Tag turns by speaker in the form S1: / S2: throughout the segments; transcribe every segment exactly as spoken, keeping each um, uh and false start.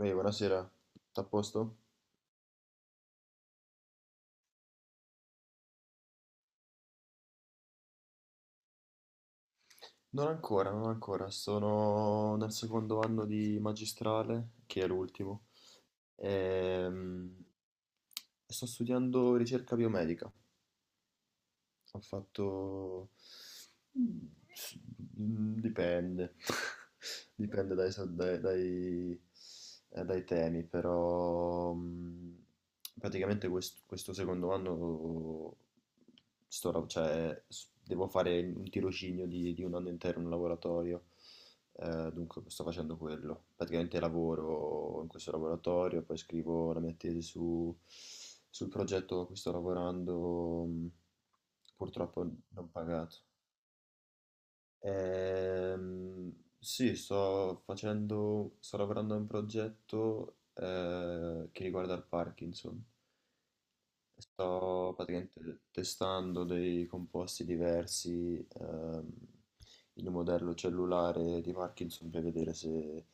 S1: Ehi, buonasera, tutto a posto? Non ancora, non ancora, sono nel secondo anno di magistrale, che è l'ultimo. ehm, e sto studiando ricerca biomedica. Ho fatto... s- mm, Dipende, dipende dai, so- dai- dai- eh, dai temi, però mm, praticamente quest- questo secondo anno sto lav- cioè, s- devo fare un tirocinio di, di un anno intero in un laboratorio. Eh, dunque sto facendo quello. Praticamente lavoro in questo laboratorio, poi scrivo la mia tesi su- sul progetto a cui sto lavorando. Mm, purtroppo non pagato. Ehm, sì, sto facendo, sto lavorando a un progetto eh, che riguarda il Parkinson. Sto praticamente testando dei composti diversi, ehm, in un modello cellulare di Parkinson per vedere se,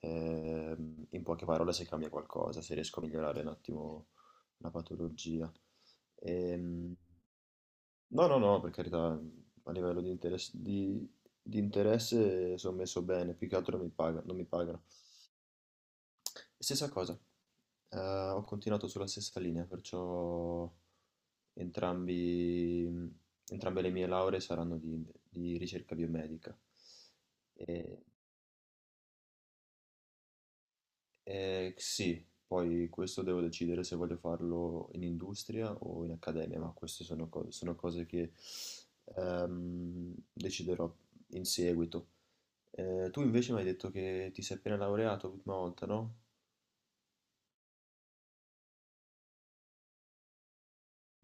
S1: ehm, in poche parole, se cambia qualcosa, se riesco a migliorare un attimo la patologia. Ehm, No, no, no, per carità, a livello di interesse, di, di interesse sono messo bene, più che altro non mi paga- non mi pagano. Stessa cosa, eh, ho continuato sulla stessa linea, perciò entrambi, entrambe le mie lauree saranno di, di ricerca biomedica. E Eh, sì, poi questo devo decidere se voglio farlo in industria o in accademia, ma queste sono, co- sono cose che ehm, deciderò in seguito. Eh, tu invece mi hai detto che ti sei appena laureato l'ultima volta, no?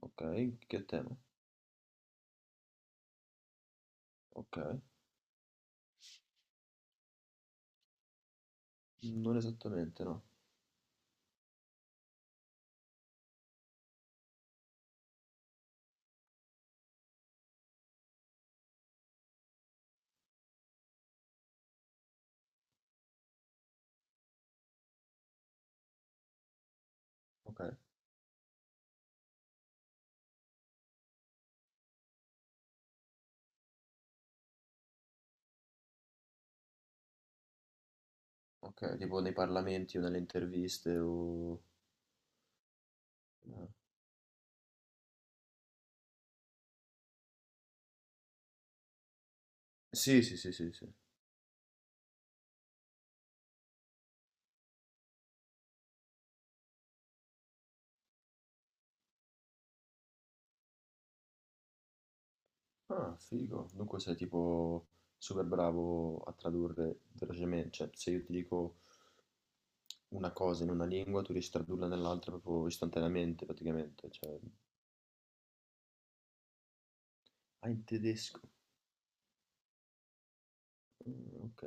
S1: Ok, che tema? Ok, non esattamente, no. Ok, ok, tipo nei parlamenti o nelle interviste o... eh, Sì, sì, sì, sì, sì. Ah, figo. Dunque sei tipo super bravo a tradurre velocemente. Cioè, se io ti dico una cosa in una lingua, tu riesci a tradurla nell'altra proprio istantaneamente, praticamente. Cioè, ah, in tedesco. Mm, ok.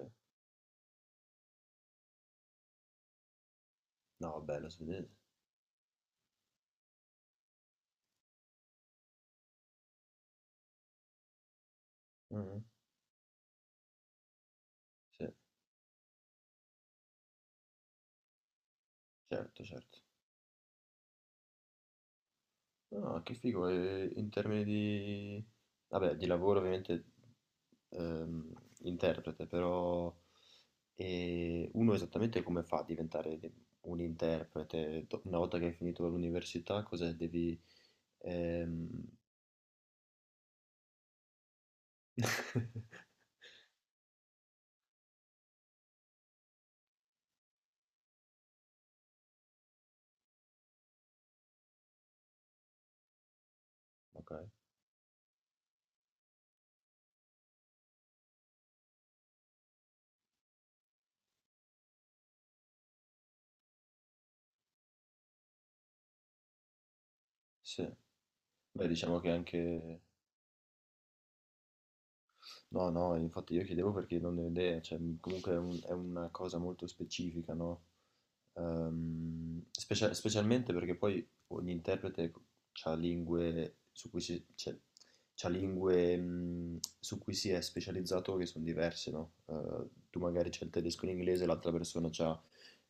S1: No, vabbè, lo svedese. Mm, sì, certo, certo. Ah, che figo, e in termini di... Vabbè, di lavoro ovviamente, ehm, interprete. Però eh, uno esattamente come fa a diventare di- un interprete? Do- una volta che hai finito l'università, cos'è? Devi... ehm, Ok, sì. Beh, diciamo che anche... No, no, infatti io chiedevo perché non ne ho idea, cioè m- comunque è, un- è una cosa molto specifica, no? Ehm, specia- specialmente perché poi ogni interprete ha lingue su cui si, cioè, c'ha lingue, mh, su cui si è specializzato che sono diverse, no? Eh, tu magari c'è il tedesco e l'inglese, l'altra persona c'ha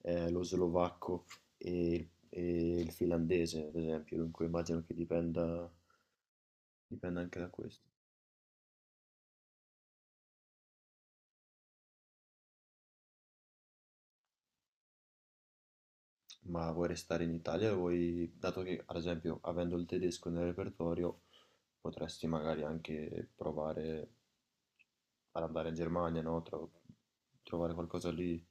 S1: eh, lo slovacco e, e il finlandese, ad esempio, dunque immagino che dipenda, dipenda anche da questo. Ma vuoi restare in Italia o vuoi, dato che ad esempio avendo il tedesco nel repertorio, potresti magari anche provare ad andare in Germania, no? Tro- trovare qualcosa lì,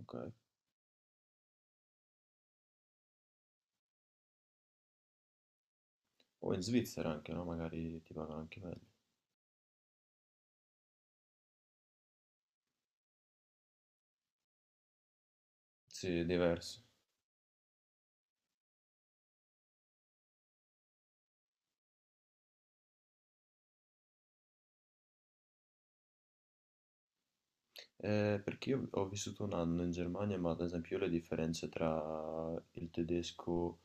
S1: ok? O in Svizzera anche, no? Magari ti pagano anche meglio. Sì, è diverso. Ehm, perché io ho vissuto un anno in Germania, ma ad esempio io le differenze tra il tedesco,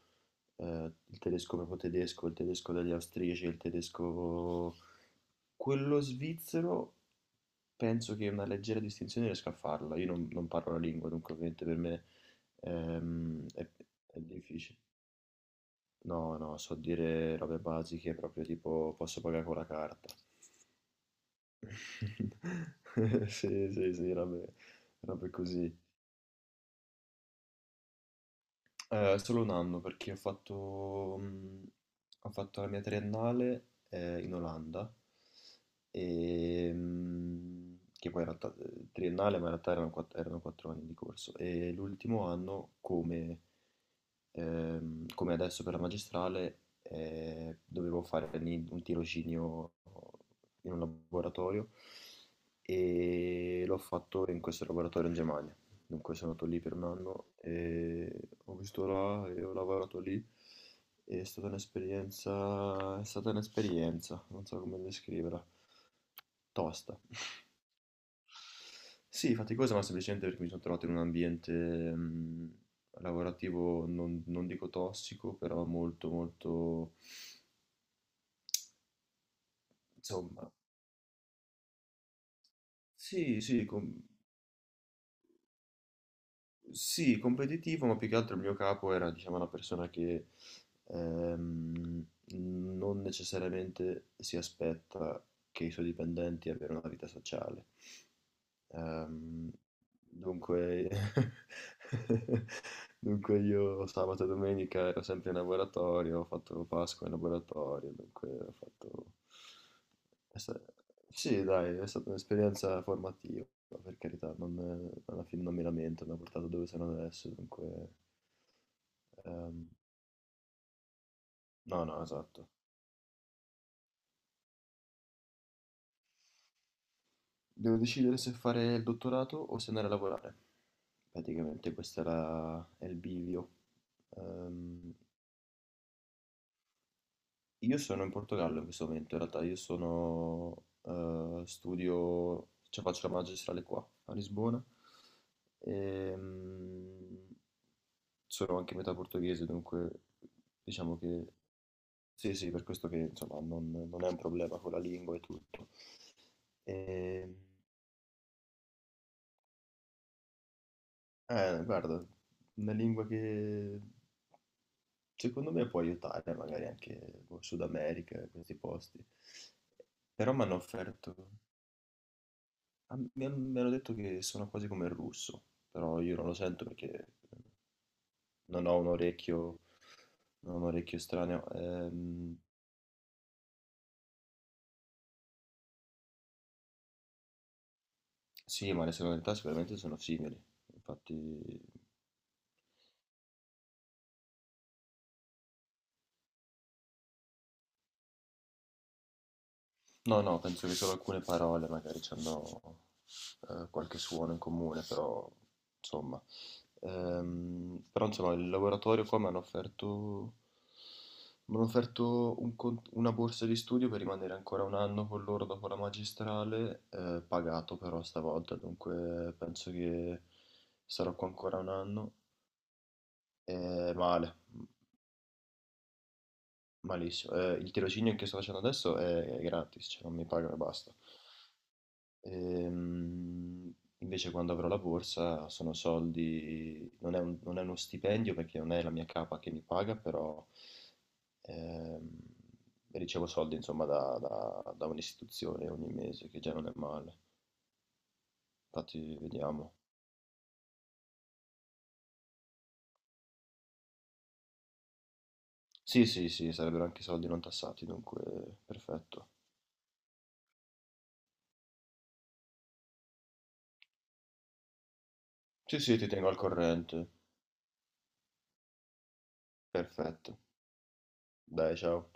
S1: ehm, il tedesco proprio tedesco, il tedesco degli austriaci, il tedesco quello svizzero, penso che una leggera distinzione riesca a farla. Io non, non parlo la lingua, dunque ovviamente per me ehm, è, è difficile. No, no, so dire robe basiche, proprio tipo posso pagare con la carta. Sì, sì, sì, robe, robe così. Eh, solo un anno perché ho fatto, mh, ho fatto la mia triennale eh, in Olanda, e, mh, che poi in realtà eh, triennale, ma in realtà erano quatt- erano quattro anni di corso. E l'ultimo anno, come ehm, come adesso per la magistrale, eh, dovevo fare lì un tirocinio in un laboratorio e l'ho fatto in questo laboratorio in Germania. Dunque sono andato lì per un anno e ho visto là e ho lavorato lì. È stata un'esperienza, è stata un'esperienza, non so come descriverla, tosta. Sì, faticosa, ma semplicemente perché mi sono trovato in un ambiente mh, lavorativo, non, non dico tossico, però molto, molto, insomma, sì, sì, com- sì, competitivo, ma più che altro il mio capo era, diciamo, una persona che ehm, non necessariamente si aspetta che i suoi dipendenti abbiano una vita sociale. Ehm, Dunque dunque io sabato e domenica ero sempre in laboratorio, ho fatto Pasqua in laboratorio, dunque ho fatto... è sta- Sì, dai, è stata un'esperienza formativa, per carità, non, alla fine non mi lamento, mi ha portato dove sono adesso, dunque... ehm, no, no, esatto. Devo decidere se fare il dottorato o se andare a lavorare. Praticamente questo era è il bivio. Ehm, Io sono in Portogallo in questo momento, in realtà io sono, eh, studio, cioè faccio la magistrale qua a Lisbona. Ehm, Sono anche metà portoghese, dunque diciamo che sì, sì, per questo che insomma non, non è un problema con la lingua e tutto. Ehm, eh, Guarda, una lingua che secondo me può aiutare magari anche, boh, Sud America, questi posti. Però mi hanno offerto. Ah, Mi han- mi hanno detto che sono quasi come il russo, però io non lo sento perché eh, non ho un orecchio, non ho un orecchio estraneo. Ehm, sì, ma le sonorità sicuramente sono simili, infatti... No, no, penso che solo alcune parole magari ci hanno eh, qualche suono in comune, però insomma. Ehm, però insomma, il laboratorio qua mi hanno offerto, mi hanno offerto un con- una borsa di studio per rimanere ancora un anno con loro dopo la magistrale, eh, pagato però stavolta, dunque penso che sarò qua ancora un anno. Eh, male, malissimo. Eh, il tirocinio che sto facendo adesso è, è gratis, cioè non mi pagano e basta. Ehm, Invece quando avrò la borsa sono soldi, non è un- non è uno stipendio perché non è la mia capa che mi paga, però ehm, ricevo soldi insomma da, da- da un'istituzione ogni mese, che già non è male. Infatti vediamo. Sì, sì, sì, sarebbero anche soldi non tassati, dunque perfetto. Sì, sì, ti tengo al corrente. Perfetto. Dai, ciao.